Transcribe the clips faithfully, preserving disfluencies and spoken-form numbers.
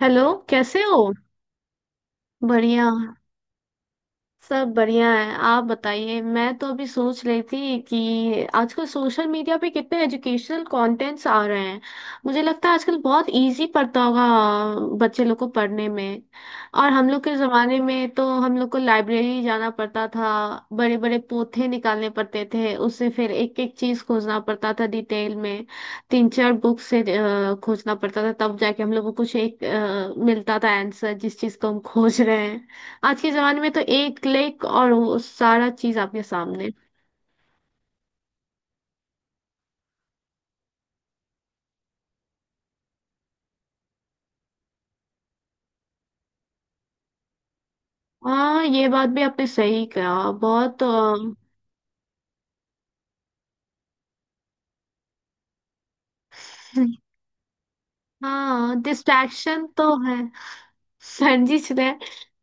Hello. कैसे हो? बढ़िया। सब बढ़िया है, आप बताइए। मैं तो अभी सोच रही थी कि आजकल सोशल मीडिया पे कितने एजुकेशनल कंटेंट्स आ रहे हैं। मुझे लगता है आजकल बहुत इजी पड़ता होगा बच्चे लोग को पढ़ने में। और हम लोग के जमाने में तो हम लोग को लाइब्रेरी जाना पड़ता था, बड़े बड़े पोथे निकालने पड़ते थे, उससे फिर एक एक चीज खोजना पड़ता था डिटेल में। तीन चार बुक से अ, खोजना पड़ता था, तब जाके हम लोग को कुछ एक अ, मिलता था आंसर जिस चीज को हम खोज रहे हैं। आज के जमाने में तो एक क्लिक और वो सारा चीज आपके सामने। हाँ, ये बात भी आपने सही कहा। बहुत अ, हाँ, डिस्ट्रैक्शन तो है। संजीश ने,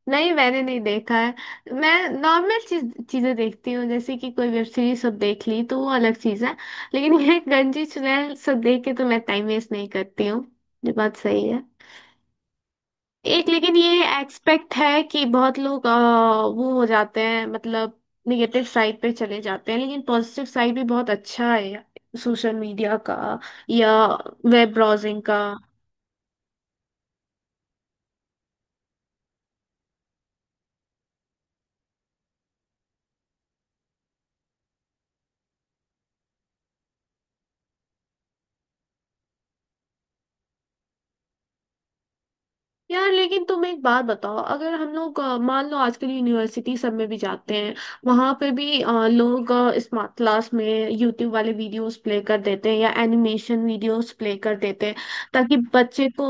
नहीं मैंने नहीं देखा है। मैं नॉर्मल चीज चीजें देखती हूँ, जैसे कि कोई वेब सीरीज सब देख ली तो वो अलग चीज है। लेकिन ये गंजी चुनैल सब देख के तो मैं टाइम वेस्ट नहीं करती हूँ। ये बात सही है। एक लेकिन ये एक्सपेक्ट है कि बहुत लोग अ, वो हो जाते हैं, मतलब निगेटिव साइड पे चले जाते हैं, लेकिन पॉजिटिव साइड भी बहुत अच्छा है सोशल मीडिया का या वेब ब्राउजिंग का। यार लेकिन तुम एक बात बताओ, अगर हम लोग अ, मान लो आजकल यूनिवर्सिटी सब में भी जाते हैं, वहां पे भी अ, लोग स्मार्ट क्लास में यूट्यूब वाले वीडियोस प्ले कर देते हैं या एनिमेशन वीडियोस प्ले कर देते हैं ताकि बच्चे को,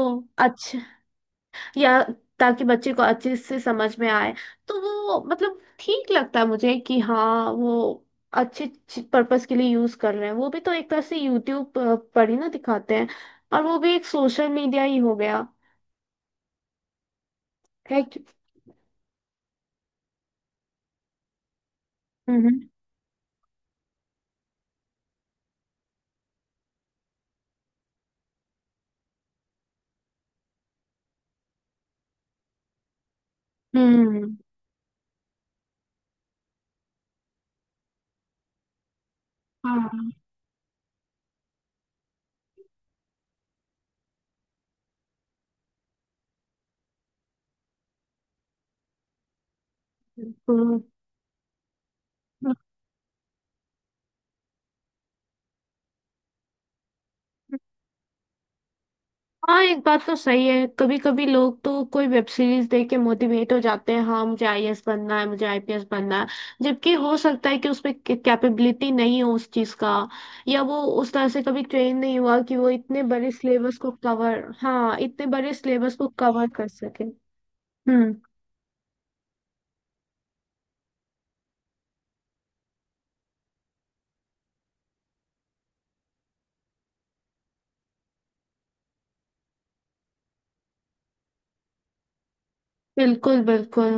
या ताकि बच्चे को अच्छे से समझ में आए। तो वो मतलब ठीक लगता है मुझे, कि हाँ वो अच्छे पर्पस के लिए यूज कर रहे हैं। वो भी तो एक तरह से यूट्यूब पर ही ना दिखाते हैं, और वो भी एक सोशल मीडिया ही हो गया। है कि- हम्म। हम्म। हाँ, बिल्कुल। हाँ, एक बात तो सही है, कभी कभी लोग तो कोई वेब सीरीज देख के मोटिवेट हो जाते हैं, हाँ मुझे आईएएस बनना है, मुझे आईपीएस बनना है। जबकि हो सकता है कि उसमें कैपेबिलिटी नहीं हो उस चीज का, या वो उस तरह से कभी ट्रेन नहीं हुआ कि वो इतने बड़े सिलेबस को कवर, हाँ इतने बड़े सिलेबस को कवर कर सके। हम्म। बिल्कुल, बिल्कुल।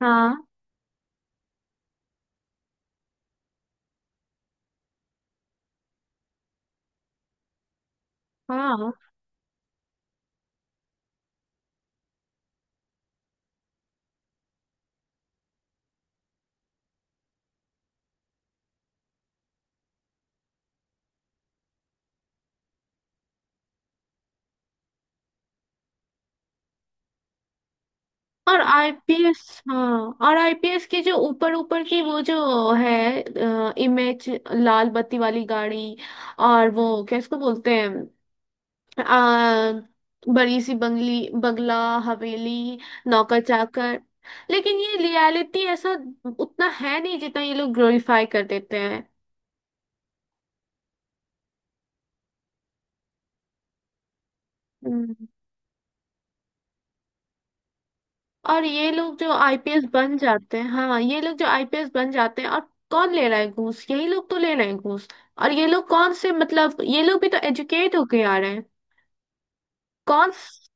हाँ, हाँ, और आईपीएस। हाँ, और आईपीएस की जो ऊपर ऊपर की वो जो है, इमेज, लाल बत्ती वाली गाड़ी, और वो क्या इसको बोलते हैं, आ, बड़ी सी बंगली, बंगला, हवेली, नौकर चाकर। लेकिन ये रियलिटी ऐसा उतना है नहीं जितना ये लोग ग्लोरीफाई कर देते हैं। हम्म। और ये लोग जो आईपीएस बन जाते हैं, हाँ ये लोग जो आईपीएस बन जाते हैं और कौन ले रहा है घूस? यही लोग तो ले रहे हैं घूस। और ये लोग कौन से, मतलब ये लोग भी तो एजुकेट होके आ रहे हैं। कौन स-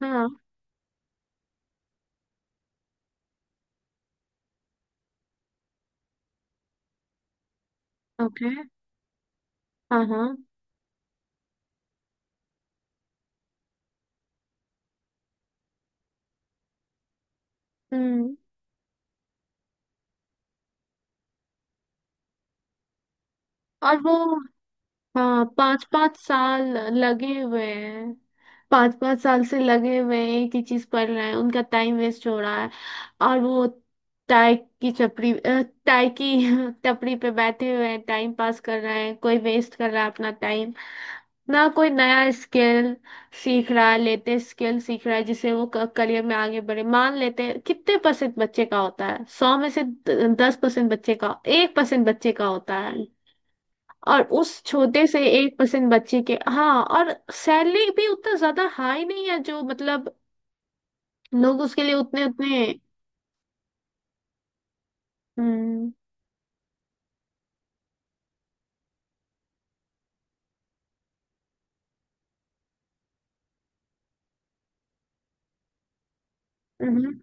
हाँ। ओके, हाँ हाँ। हम्म। और वो, हाँ पाँच पाँच साल लगे हुए हैं, पाँच पाँच साल से लगे हुए हैं, एक ही चीज पढ़ रहे हैं, उनका टाइम वेस्ट हो रहा है। और वो टाई की चपड़ी अ, टाई की टपरी पे बैठे हुए हैं, टाइम पास कर रहे हैं, कोई वेस्ट कर रहा है अपना टाइम, ना कोई नया स्किल सीख रहा है, लेटेस्ट स्किल सीख रहा है जिससे वो करियर में आगे बढ़े। मान लेते हैं कितने परसेंट बच्चे का होता है, सौ में से दस परसेंट बच्चे का, एक परसेंट बच्चे का होता है, और उस छोटे से एक परसेंट बच्चे के, हाँ, और सैलरी भी उतना ज्यादा हाई नहीं है जो, मतलब लोग उसके लिए उतने उतने। हम्म। हम्म।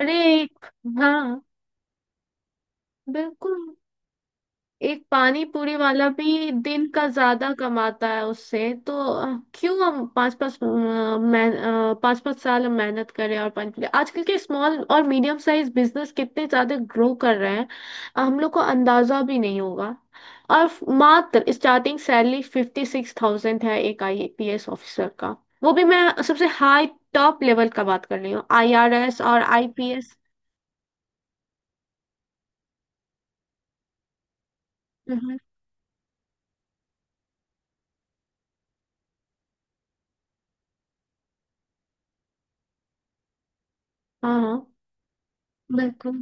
अरे, एक- हाँ, बिल्कुल। एक पानी पूरी वाला भी दिन का ज्यादा कमाता है उससे तो अ, क्यों हम पाँच पाँच मैं पाँच पाँच साल हम मेहनत करें? और पानी पूरी, आजकल के स्मॉल और मीडियम साइज बिजनेस कितने ज्यादा ग्रो कर रहे हैं, अ, हम लोग को अंदाजा भी नहीं होगा। और फ- मात्र starting salary fifty six thousand है एक आईपीएस ऑफिसर का, वो भी मैं सबसे हाई टॉप लेवल का बात कर रही हूँ, आईआरएस और आईपीएस। हाँ, हाँ, बिल्कुल।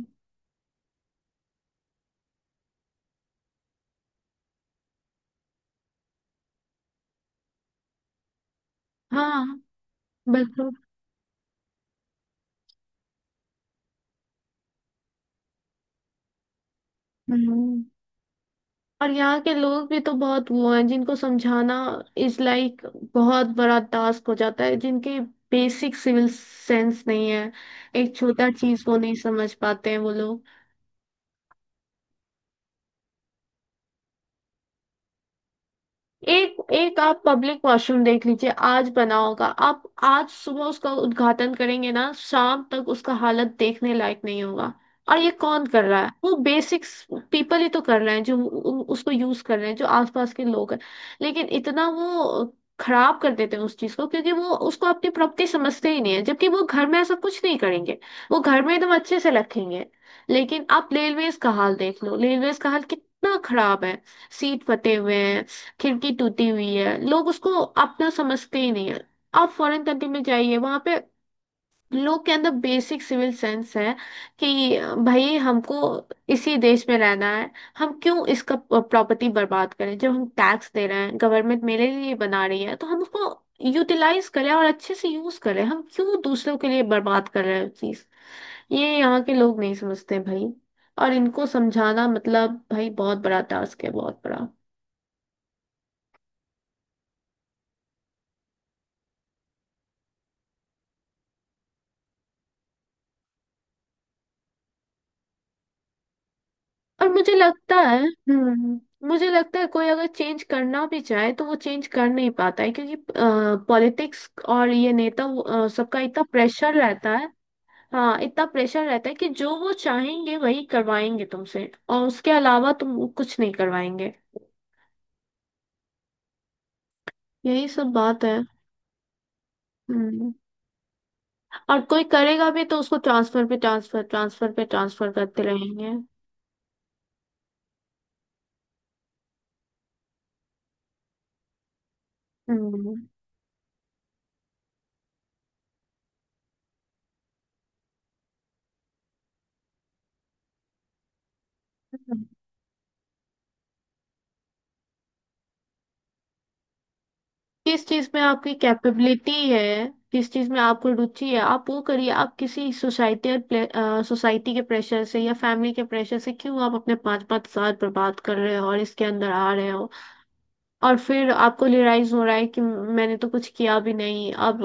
हाँ, बिल्कुल। हम्म। और यहाँ के लोग भी तो बहुत वो हैं जिनको समझाना इज लाइक बहुत बड़ा टास्क हो जाता है, जिनके बेसिक सिविल सेंस नहीं है, एक छोटा चीज को नहीं समझ पाते हैं वो लोग। एक एक आप पब्लिक वॉशरूम देख लीजिए, आज बना होगा, आप आज सुबह उसका उद्घाटन करेंगे ना, शाम तक उसका हालत देखने लायक नहीं होगा। और ये कौन कर रहा है, वो बेसिक्स पीपल ही तो कर रहे हैं जो उ- उ- उसको यूज कर रहे हैं, जो आसपास के लोग हैं, लेकिन इतना वो खराब कर देते हैं उस चीज को क्योंकि वो उसको अपनी प्रॉपर्टी समझते ही नहीं है, जबकि वो घर में ऐसा कुछ नहीं करेंगे, वो घर में एकदम अच्छे से रखेंगे। लेकिन आप रेलवेज का हाल देख लो, रेलवेज का हाल कितना खराब है, सीट फटे हुए हैं, खिड़की टूटी हुई है, लोग उसको अपना समझते ही नहीं है। आप फॉरेन कंट्री में जाइए, वहां पे लोग के अंदर बेसिक सिविल सेंस है कि भाई हमको इसी देश में रहना है, हम क्यों इसका प्रॉपर्टी बर्बाद करें? जब हम टैक्स दे रहे हैं, गवर्नमेंट मेरे लिए बना रही है, तो हम उसको यूटिलाइज करें और अच्छे से यूज करें, हम क्यों दूसरों के लिए बर्बाद कर रहे हैं चीज। ये यहाँ के लोग नहीं समझते भाई, और इनको समझाना मतलब, भाई, बहुत बड़ा टास्क है, बहुत बड़ा। और मुझे लगता है, हम्म, मुझे लगता है कोई अगर चेंज करना भी चाहे तो वो चेंज कर नहीं पाता है क्योंकि पॉलिटिक्स और ये नेता अ, सबका इतना प्रेशर रहता है। हाँ, इतना प्रेशर रहता है कि जो वो चाहेंगे वही करवाएंगे तुमसे, और उसके अलावा तुम कुछ नहीं करवाएंगे, यही सब बात है। हम्म। और कोई करेगा भी तो उसको ट्रांसफर पे ट्रांसफर, ट्रांसफर पे ट्रांसफर करते रहेंगे। हम्म। किस चीज में आपकी कैपेबिलिटी है, किस चीज में आपको रुचि है, आप वो करिए। आप किसी सोसाइटी, और सोसाइटी के प्रेशर से या फैमिली के प्रेशर से क्यों आप अपने पाँच पाँच साल बर्बाद कर रहे हो और इसके अंदर आ रहे हो, और फिर आपको रियलाइज हो रहा है कि मैंने तो कुछ किया भी नहीं अब।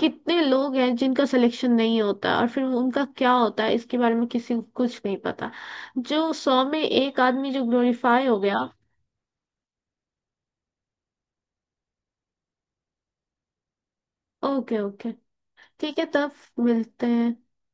कितने लोग हैं जिनका सिलेक्शन नहीं होता, और फिर उनका क्या होता है इसके बारे में किसी को कुछ नहीं पता, जो सौ में एक आदमी जो ग्लोरीफाई हो गया। Okay, okay. ठीक है तब, मिलते हैं।